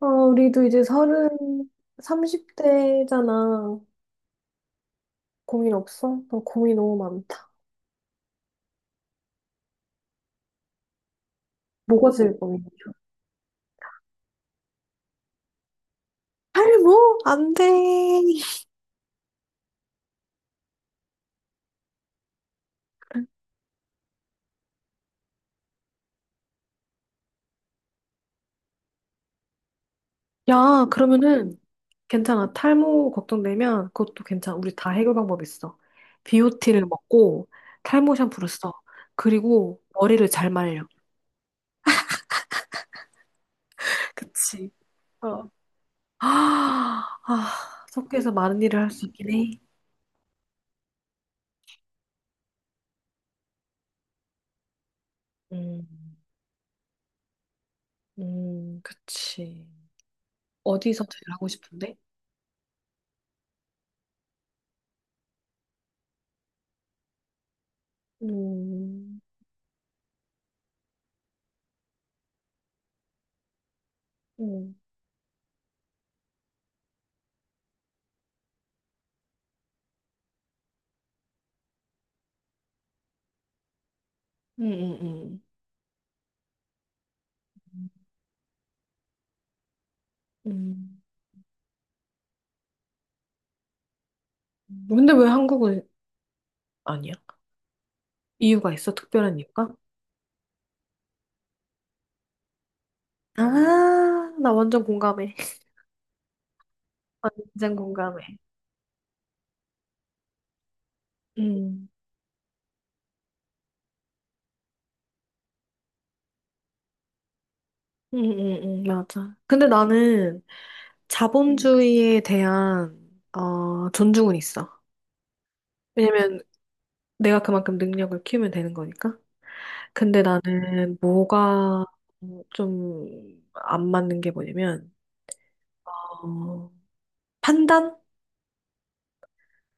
우리도 이제 서른, 30대잖아. 고민 없어? 나 고민 너무 많다. 뭐가 제일 고민이야? 탈모? 안 돼. 야, 그러면은 괜찮아. 탈모 걱정되면 그것도 괜찮아. 우리 다 해결 방법 있어. 비오티를 먹고 탈모 샴푸를 써. 그리고 머리를 잘 말려. 그치. 어. 아, 아, 석회에서 많은 일을 할 수 있긴 해. 음, 그치. 어디서 제일 하고 싶은데? 음, 음, 음, 음, 음. 음. 근데 왜 한국은 아니야? 이유가 있어? 특별한 이유가? 아, 나 완전 공감해. 완전 공감해. 음, 맞아. 근데 나는 자본주의에 대한, 존중은 있어. 왜냐면 내가 그만큼 능력을 키우면 되는 거니까. 근데 나는 뭐가 좀 안 맞는 게 뭐냐면, 어, 판단?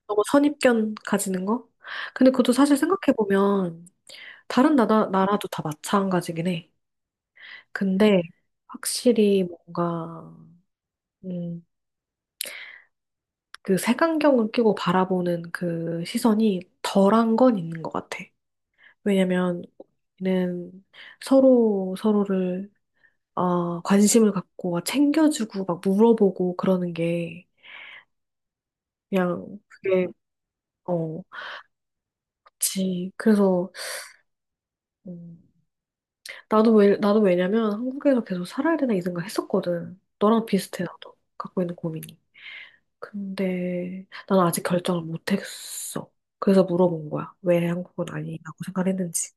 너무 선입견 가지는 거? 근데 그것도 사실 생각해보면 다른 나라도 다 마찬가지긴 해. 근데 확실히 뭔가 음, 그 색안경을 끼고 바라보는 그 시선이 덜한 건 있는 것 같아. 왜냐면 우리는 서로 서로를 관심을 갖고 막 챙겨주고 막 물어보고 그러는 게 그냥 그게 어, 그렇지. 그래서 음, 나도 왜냐면 한국에서 계속 살아야 되나 이 생각 했었거든. 너랑 비슷해, 나도. 갖고 있는 고민이. 근데 나는 아직 결정을 못 했어. 그래서 물어본 거야. 왜 한국은 아니라고 생각했는지.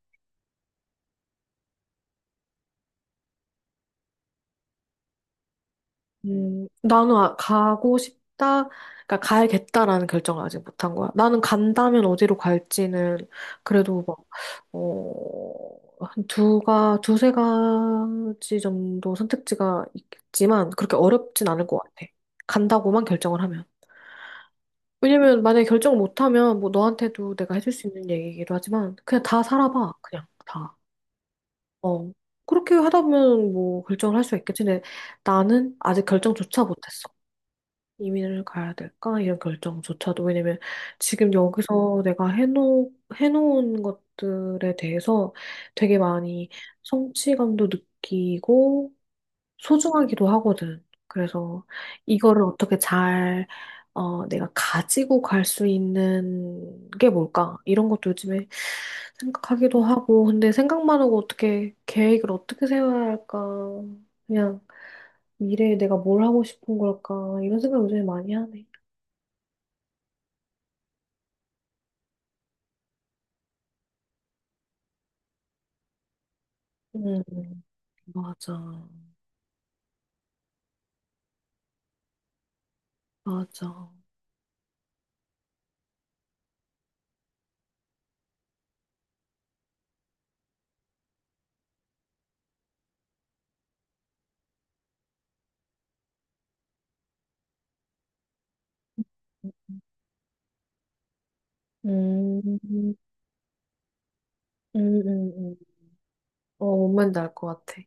나는 가고 싶다, 그러니까 가야겠다라는 결정을 아직 못 한 거야. 나는 간다면 어디로 갈지는 그래도 막, 어, 한 두세 가지 정도 선택지가 있겠지만 그렇게 어렵진 않을 것 같아. 간다고만 결정을 하면. 왜냐면 만약에 결정 못하면 뭐 너한테도 내가 해줄 수 있는 얘기이기도 하지만 그냥 다 살아봐. 그냥 다. 어. 그렇게 하다 보면 뭐 결정을 할 수 있겠지. 근데 나는 아직 결정조차 못했어. 이민을 가야 될까? 이런 결정조차도. 왜냐면 지금 여기서 내가 해놓은 것들에 대해서 되게 많이 성취감도 느끼고 소중하기도 하거든. 그래서 이거를 어떻게 잘, 내가 가지고 갈 수 있는 게 뭘까? 이런 것도 요즘에 생각하기도 하고, 근데 생각만 하고 어떻게 계획을 어떻게 세워야 할까? 그냥 미래에 내가 뭘 하고 싶은 걸까? 이런 생각 요즘에 많이 하네. 음, 맞아. 맞아. 음, 음, 음, 음. 뭔 말인지 알 것 같아.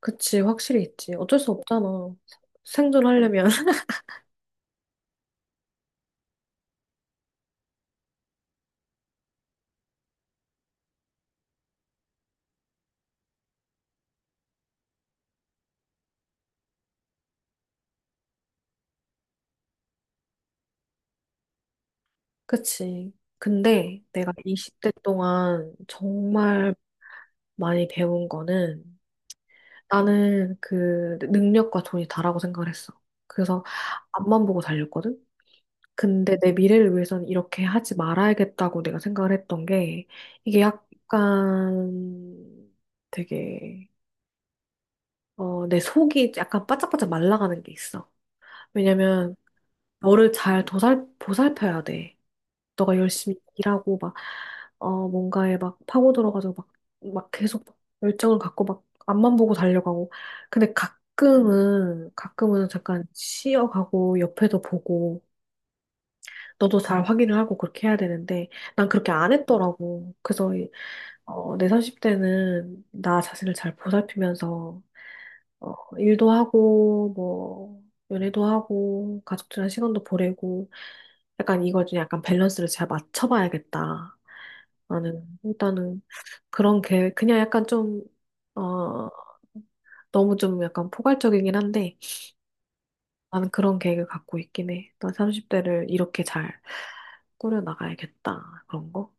그치, 확실히 있지. 어쩔 수 없잖아. 생존하려면. 그치. 근데 내가 20대 동안 정말 많이 배운 거는 나는 그 능력과 돈이 다라고 생각을 했어. 그래서 앞만 보고 달렸거든? 근데 내 미래를 위해서는 이렇게 하지 말아야겠다고 내가 생각을 했던 게 이게 약간 되게 내 속이 약간 바짝바짝 말라가는 게 있어. 왜냐면 너를 잘 보살펴야 돼. 너가 열심히 일하고 막, 뭔가에 막 파고들어가지고 막, 막 계속 막 열정을 갖고 막 앞만 보고 달려가고. 근데 가끔은 잠깐 쉬어가고 옆에도 보고 너도 잘 확인을 하고 그렇게 해야 되는데 난 그렇게 안 했더라고. 그래서, 내 30대는 나 자신을 잘 보살피면서, 일도 하고, 뭐, 연애도 하고, 가족들이랑 시간도 보내고, 약간 이걸 좀 약간 밸런스를 잘 맞춰봐야겠다. 나는 일단은 그런 계획, 그냥 약간 좀, 어, 너무 좀 약간 포괄적이긴 한데 나는 그런 계획을 갖고 있긴 해. 나 30대를 이렇게 잘 꾸려나가야겠다. 그런 거?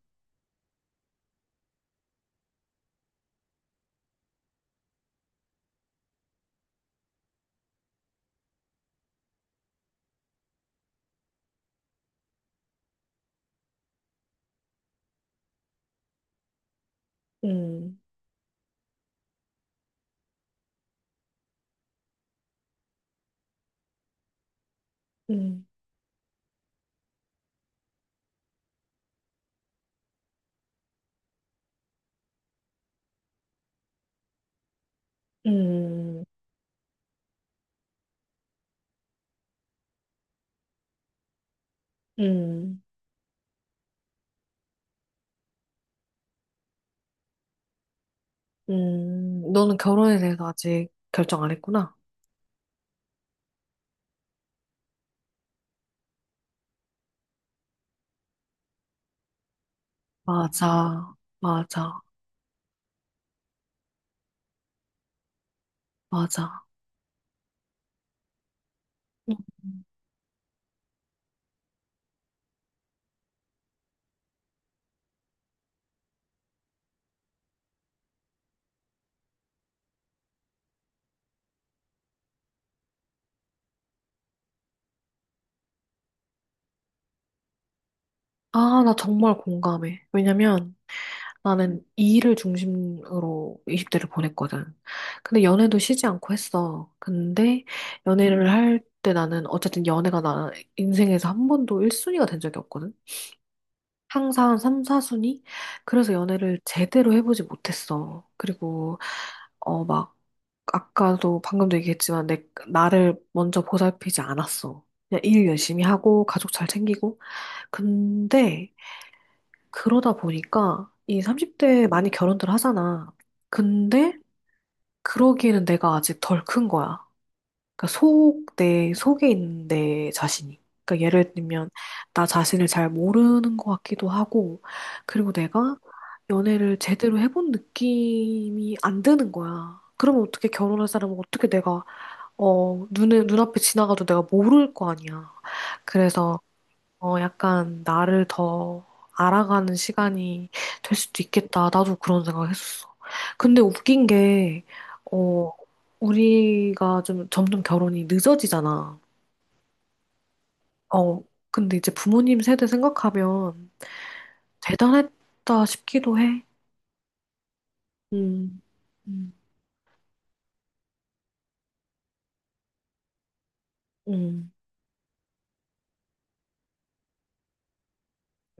음, 음, 음, 음, 너는 결혼에 대해서 아직 결정 안 했구나. 맞아, 맞아, 맞아. 응. 아, 나 정말 공감해. 왜냐면 나는 이 일을 중심으로 20대를 보냈거든. 근데 연애도 쉬지 않고 했어. 근데 연애를 할 때 나는 어쨌든 연애가 나 인생에서 한 번도 1순위가 된 적이 없거든. 항상 3, 4순위? 그래서 연애를 제대로 해보지 못했어. 그리고 막 아까도 방금도 얘기했지만 내 나를 먼저 보살피지 않았어. 그냥 일 열심히 하고 가족 잘 챙기고 근데 그러다 보니까 이 30대에 많이 결혼들 하잖아. 근데 그러기에는 내가 아직 덜 큰 거야. 그러니까 내 속에 있는 내 자신이. 그러니까 예를 들면 나 자신을 잘 모르는 것 같기도 하고, 그리고 내가 연애를 제대로 해본 느낌이 안 드는 거야. 그러면 어떻게 결혼할 사람은 어떻게 내가 어 눈에 눈앞에 지나가도 내가 모를 거 아니야. 그래서 약간 나를 더 알아가는 시간이 될 수도 있겠다. 나도 그런 생각했었어. 근데 웃긴 게, 어, 우리가 좀 점점 결혼이 늦어지잖아. 어, 근데 이제 부모님 세대 생각하면 대단했다 싶기도 해. 음, 음, 음.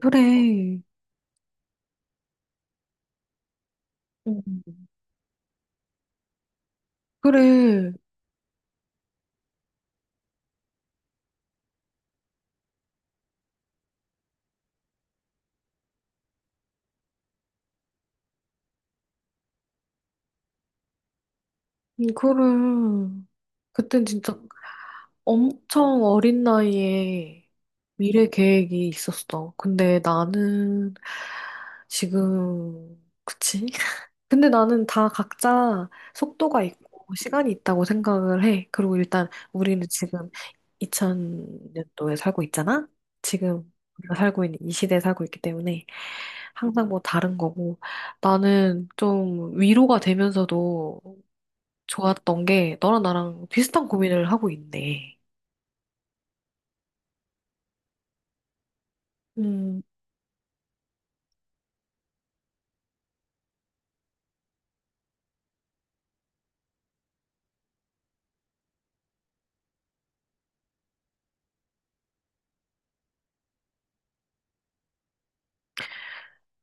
그래. 음, 그래. 그래. 그땐 진짜 엄청 어린 나이에 미래 계획이 있었어. 근데 나는 지금, 그치? 근데 나는 다 각자 속도가 있고 시간이 있다고 생각을 해. 그리고 일단 우리는 지금 2000년도에 살고 있잖아? 지금 우리가 살고 있는 이 시대에 살고 있기 때문에 항상 뭐 다른 거고 나는 좀 위로가 되면서도 좋았던 게 너랑 나랑 비슷한 고민을 하고 있네. 음.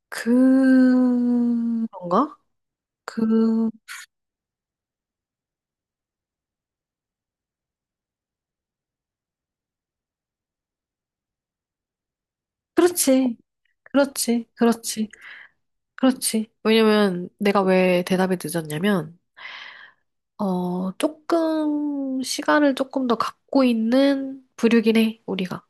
그런가? 그, 그렇지. 그렇지. 그렇지. 그렇지. 왜냐면 내가 왜 대답이 늦었냐면, 시간을 조금 더 갖고 있는 부류긴 해, 우리가.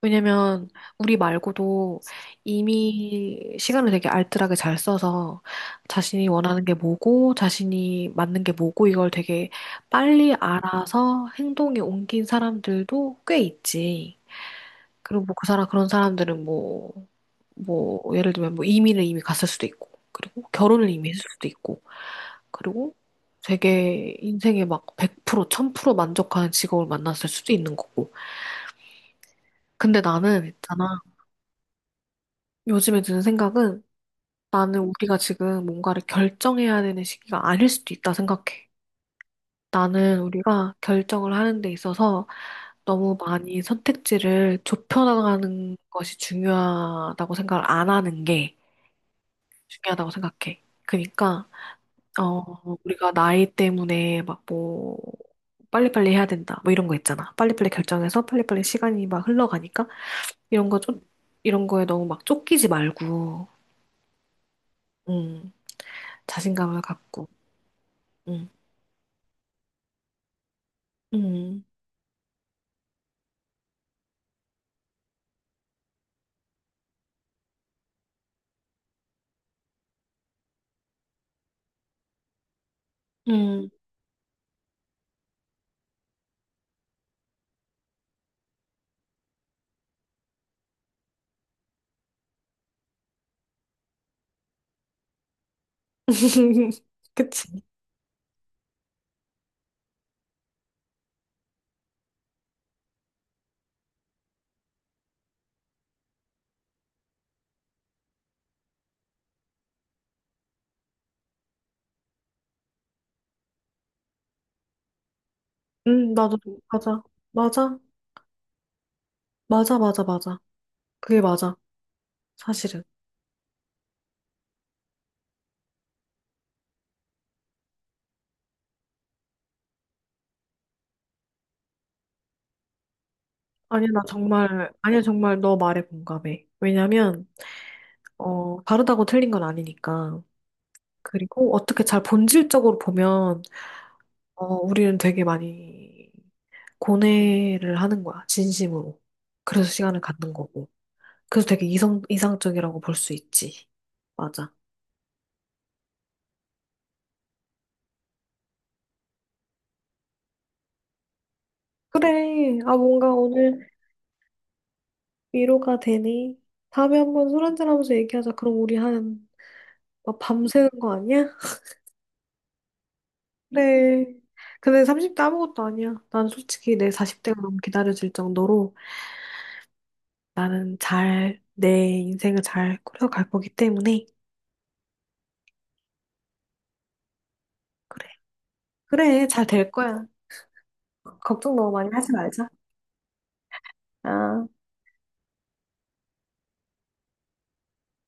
왜냐면 우리 말고도 이미 시간을 되게 알뜰하게 잘 써서 자신이 원하는 게 뭐고, 자신이 맞는 게 뭐고, 이걸 되게 빨리 알아서 행동에 옮긴 사람들도 꽤 있지. 그리고 뭐 그 사람 그런 사람들은 뭐 예를 들면 뭐 이민을 이미 갔을 수도 있고 그리고 결혼을 이미 했을 수도 있고 그리고 되게 인생에 막 100% 1000% 만족하는 직업을 만났을 수도 있는 거고 근데 나는 있잖아 요즘에 드는 생각은 나는 우리가 지금 뭔가를 결정해야 되는 시기가 아닐 수도 있다 생각해. 나는 우리가 결정을 하는 데 있어서 너무 많이 선택지를 좁혀나가는 것이 중요하다고 생각을 안 하는 게 중요하다고 생각해. 그러니까 우리가 나이 때문에 막 뭐 빨리빨리 해야 된다 뭐 이런 거 있잖아. 빨리빨리 결정해서 빨리빨리 시간이 막 흘러가니까 이런 거 좀 이런 거에 너무 막 쫓기지 말고 음 자신감을 갖고 음 음, 음. 그치. 나도 맞아, 맞아, 맞아, 맞아, 맞아. 그게 맞아 사실은. 아니 정말 너 말에 공감해. 왜냐면 다르다고 틀린 건 아니니까. 그리고 어떻게 잘 본질적으로 보면, 우리는 되게 많이 고뇌를 하는 거야, 진심으로. 그래서 시간을 갖는 거고. 그래서 되게 이상적이라고 볼 수 있지. 맞아. 그래. 아, 뭔가 오늘 위로가 되니? 다음에 한번 술 한잔 하면서 얘기하자. 그럼 우리 막 밤새는 거 아니야? 그래. 근데 30대 아무것도 아니야. 난 솔직히 내 40대가 너무 기다려질 정도로 내 인생을 잘 꾸려갈 거기 때문에 그래, 그래, 잘 될 거야. 걱정 너무 많이 하지 말자. 아.